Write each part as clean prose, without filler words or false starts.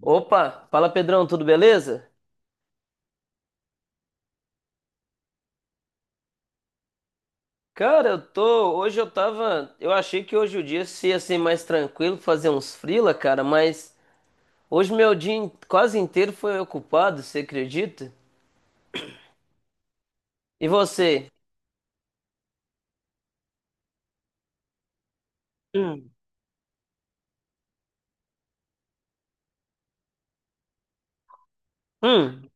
Opa, fala Pedrão, tudo beleza? Cara, eu tô, hoje eu tava, eu achei que hoje o dia ia ser mais tranquilo, fazer uns freela, cara, mas hoje meu dia quase inteiro foi ocupado, você acredita? E você? Hum, hum,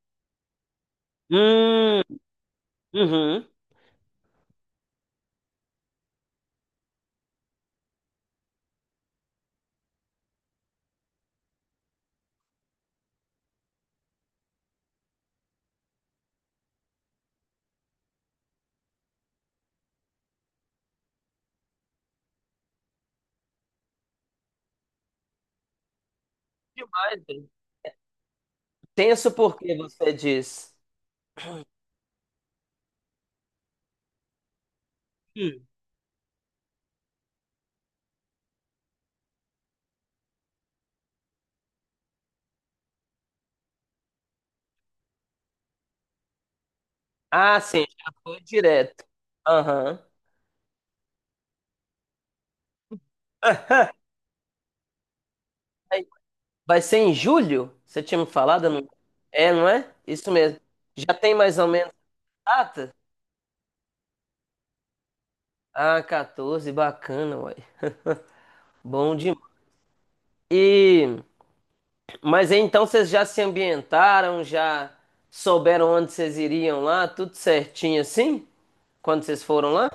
hum, uhum. Demais, velho. Tenso por que você diz? Hum. Ah, sim, já foi direto. Aham. Ah, vai vai ser em julho? Você tinha me falado? É, não é? Isso mesmo. Já tem mais ou menos data? Ah, 14, bacana, uai. Bom demais. E, mas aí, então vocês já se ambientaram, já souberam onde vocês iriam lá, tudo certinho assim? Quando vocês foram lá?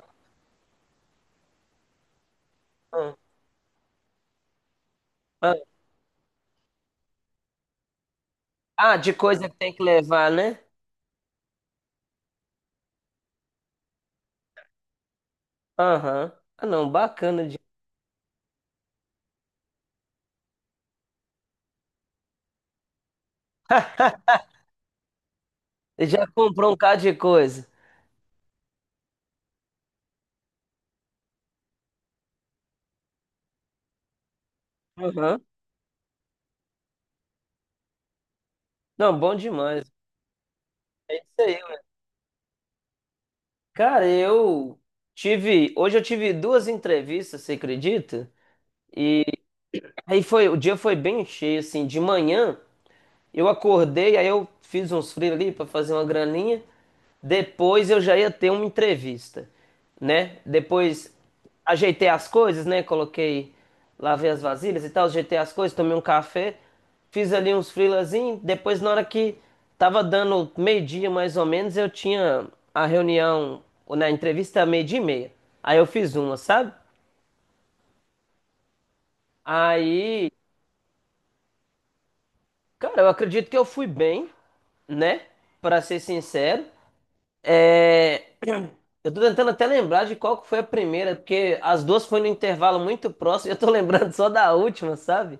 Ah, ah. Ah, de coisa que tem que levar, né? Aham. Ah, não, bacana. Já comprou um bocado de coisa. Aham. Não, bom demais. É isso aí, ué. Cara, eu tive. Hoje eu tive duas entrevistas, você acredita? E aí foi, o dia foi bem cheio, assim, de manhã. Eu acordei, aí eu fiz uns free ali para fazer uma graninha. Depois eu já ia ter uma entrevista, né? Depois ajeitei as coisas, né? Coloquei, lavei as vasilhas e tal, ajeitei as coisas, tomei um café, fiz ali uns frilazinhos. Depois, na hora que tava dando meio-dia mais ou menos, eu tinha a reunião, ou na entrevista meio-dia e meia. Aí eu fiz uma, sabe? Aí, cara, eu acredito que eu fui bem, né? Para ser sincero. É, eu tô tentando até lembrar de qual que foi a primeira, porque as duas foram no intervalo muito próximo, e eu tô lembrando só da última, sabe?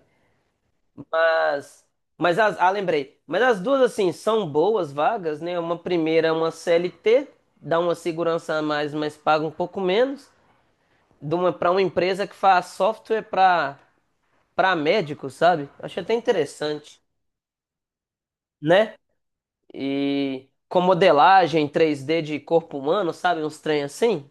Mas, mas ah, lembrei. Mas as duas, assim, são boas vagas, né? Uma primeira é uma CLT, dá uma segurança a mais, mas paga um pouco menos, de uma para uma empresa que faz software para médicos, sabe? Achei até interessante, né? E com modelagem 3D de corpo humano, sabe? Uns trem assim.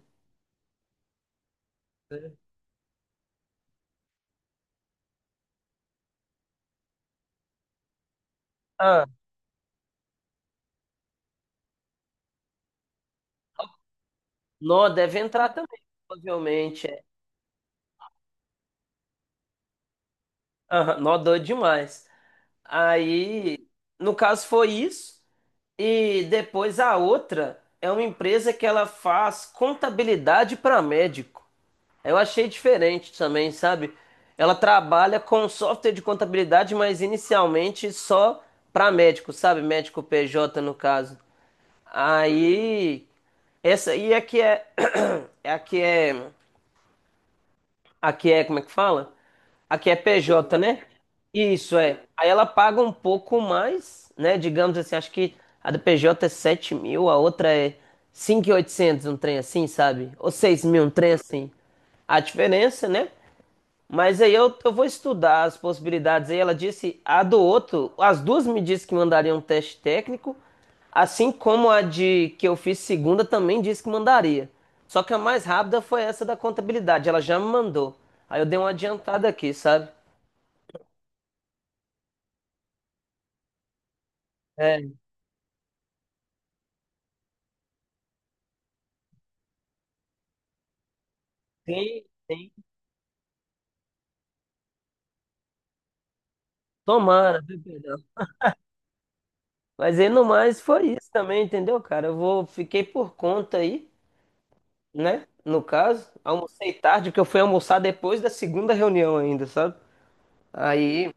Nó deve entrar também, provavelmente. É. Aham, nó doido demais. Aí, no caso, foi isso. E depois a outra é uma empresa que ela faz contabilidade para médico. Eu achei diferente também, sabe? Ela trabalha com software de contabilidade, mas inicialmente só para médico, sabe? Médico PJ no caso. Aí, essa aí é que é, é a que é. Aqui é, como é que fala? Aqui é PJ, né? Isso é. Aí ela paga um pouco mais, né? Digamos assim, acho que a do PJ é 7.000, a outra é 5.800 um trem assim, sabe? Ou 6.000, um trem assim. A diferença, né? Mas aí eu vou estudar as possibilidades. Aí ela disse a do outro, as duas me disse que mandaria um teste técnico, assim como a de que eu fiz segunda também disse que mandaria. Só que a mais rápida foi essa da contabilidade, ela já me mandou. Aí eu dei uma adiantada aqui, sabe? É, sim, sim. Tomara, viu, Pedrão? Mas aí no mais foi isso também, entendeu, cara? Eu vou, fiquei por conta aí, né? No caso, almocei tarde, porque eu fui almoçar depois da segunda reunião ainda, sabe? Aí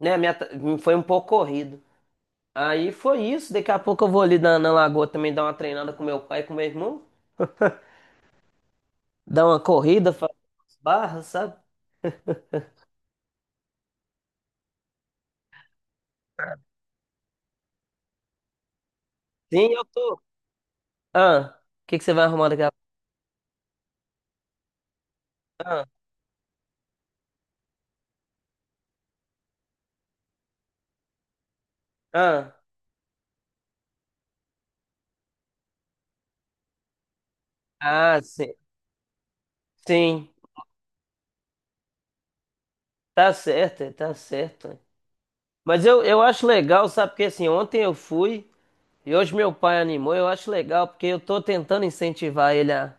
né, foi um pouco corrido. Aí foi isso. Daqui a pouco eu vou ali na lagoa também dar uma treinada com meu pai, e com meu irmão. Dar uma corrida, fazer umas barras, sabe? Sim, eu tô. Ah, o que que você vai arrumar daqui a pouco? Ah, ah, ah, sim. Sim, tá certo, é, tá certo. É. Mas eu acho legal, sabe? Porque assim, ontem eu fui e hoje meu pai animou. Eu acho legal porque eu tô tentando incentivar ele a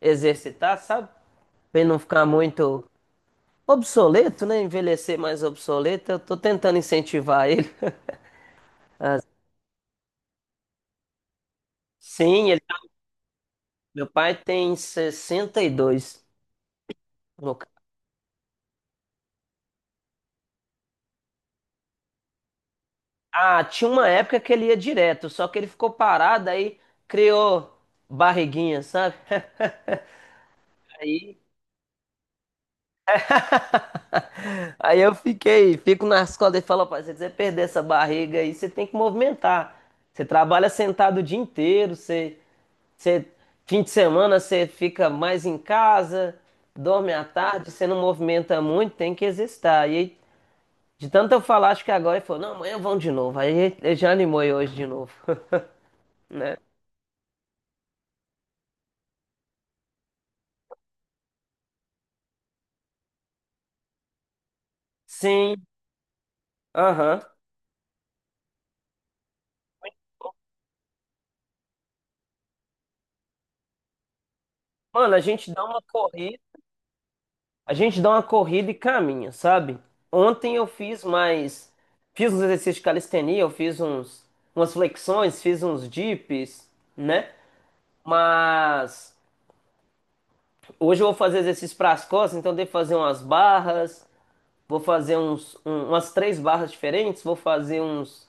exercitar, sabe? Pra ele não ficar muito. Obsoleto, né? Envelhecer mais obsoleto, eu tô tentando incentivar ele. Ah, sim, Meu pai tem 62. No ca- Ah, tinha uma época que ele ia direto, só que ele ficou parado aí, criou barriguinha, sabe? Aí, aí eu fiquei, fico na escola e falo, pai, se você quiser perder essa barriga aí, você tem que movimentar. Você trabalha sentado o dia inteiro, Você, fim de semana você fica mais em casa, dorme à tarde, você não movimenta muito, tem que exercitar. E aí, de tanto eu falar, acho que agora ele falou, não, amanhã vão de novo. Aí ele já animou eu hoje de novo, né? Sim, aham. Mano, a gente dá uma corrida, a gente dá uma corrida e caminha, sabe? Ontem eu fiz mais, fiz uns exercícios de calistenia, eu fiz umas flexões, fiz uns dips, né? Mas... Hoje eu vou fazer exercício para as costas, então devo fazer umas barras, vou fazer umas três barras diferentes, vou fazer uns,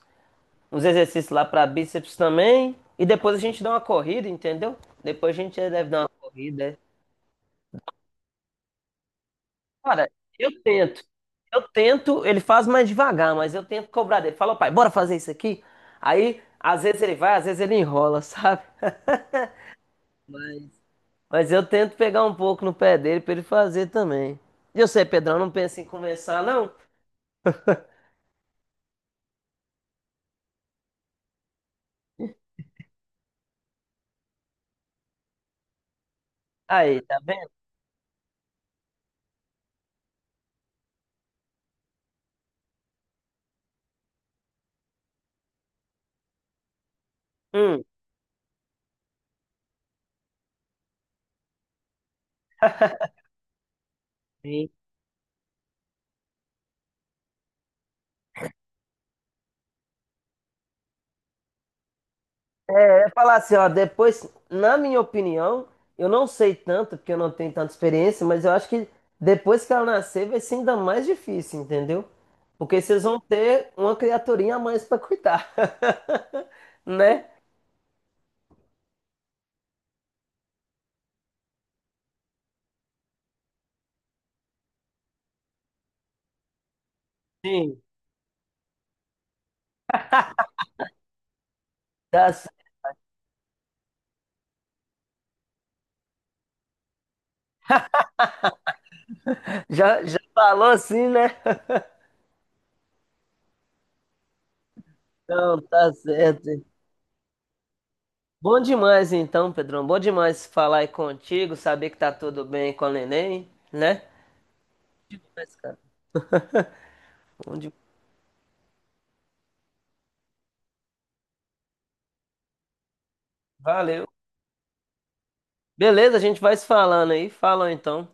uns exercícios lá para bíceps também. E depois a gente dá uma corrida, entendeu? Depois a gente deve dar uma corrida. É. Cara, eu tento. Eu tento, ele faz mais devagar, mas eu tento cobrar dele. Fala, pai, bora fazer isso aqui? Aí, às vezes ele vai, às vezes ele enrola, sabe? Mas, mas eu tento pegar um pouco no pé dele para ele fazer também. E eu sei, Pedrão, não pensa em começar, não? Aí, tá vendo? Hum, Sim. Eu ia falar assim, ó, depois, na minha opinião, eu não sei tanto, porque eu não tenho tanta experiência, mas eu acho que depois que ela nascer vai ser ainda mais difícil, entendeu? Porque vocês vão ter uma criaturinha a mais pra cuidar, né? Sim. Tá c- Já, já falou assim, né? Então, tá certo. Bom demais, então, Pedrão. Bom demais falar aí contigo, saber que tá tudo bem com a neném, né? Demais, cara. Bom demais. Valeu. Beleza, a gente vai se falando aí. Falou então.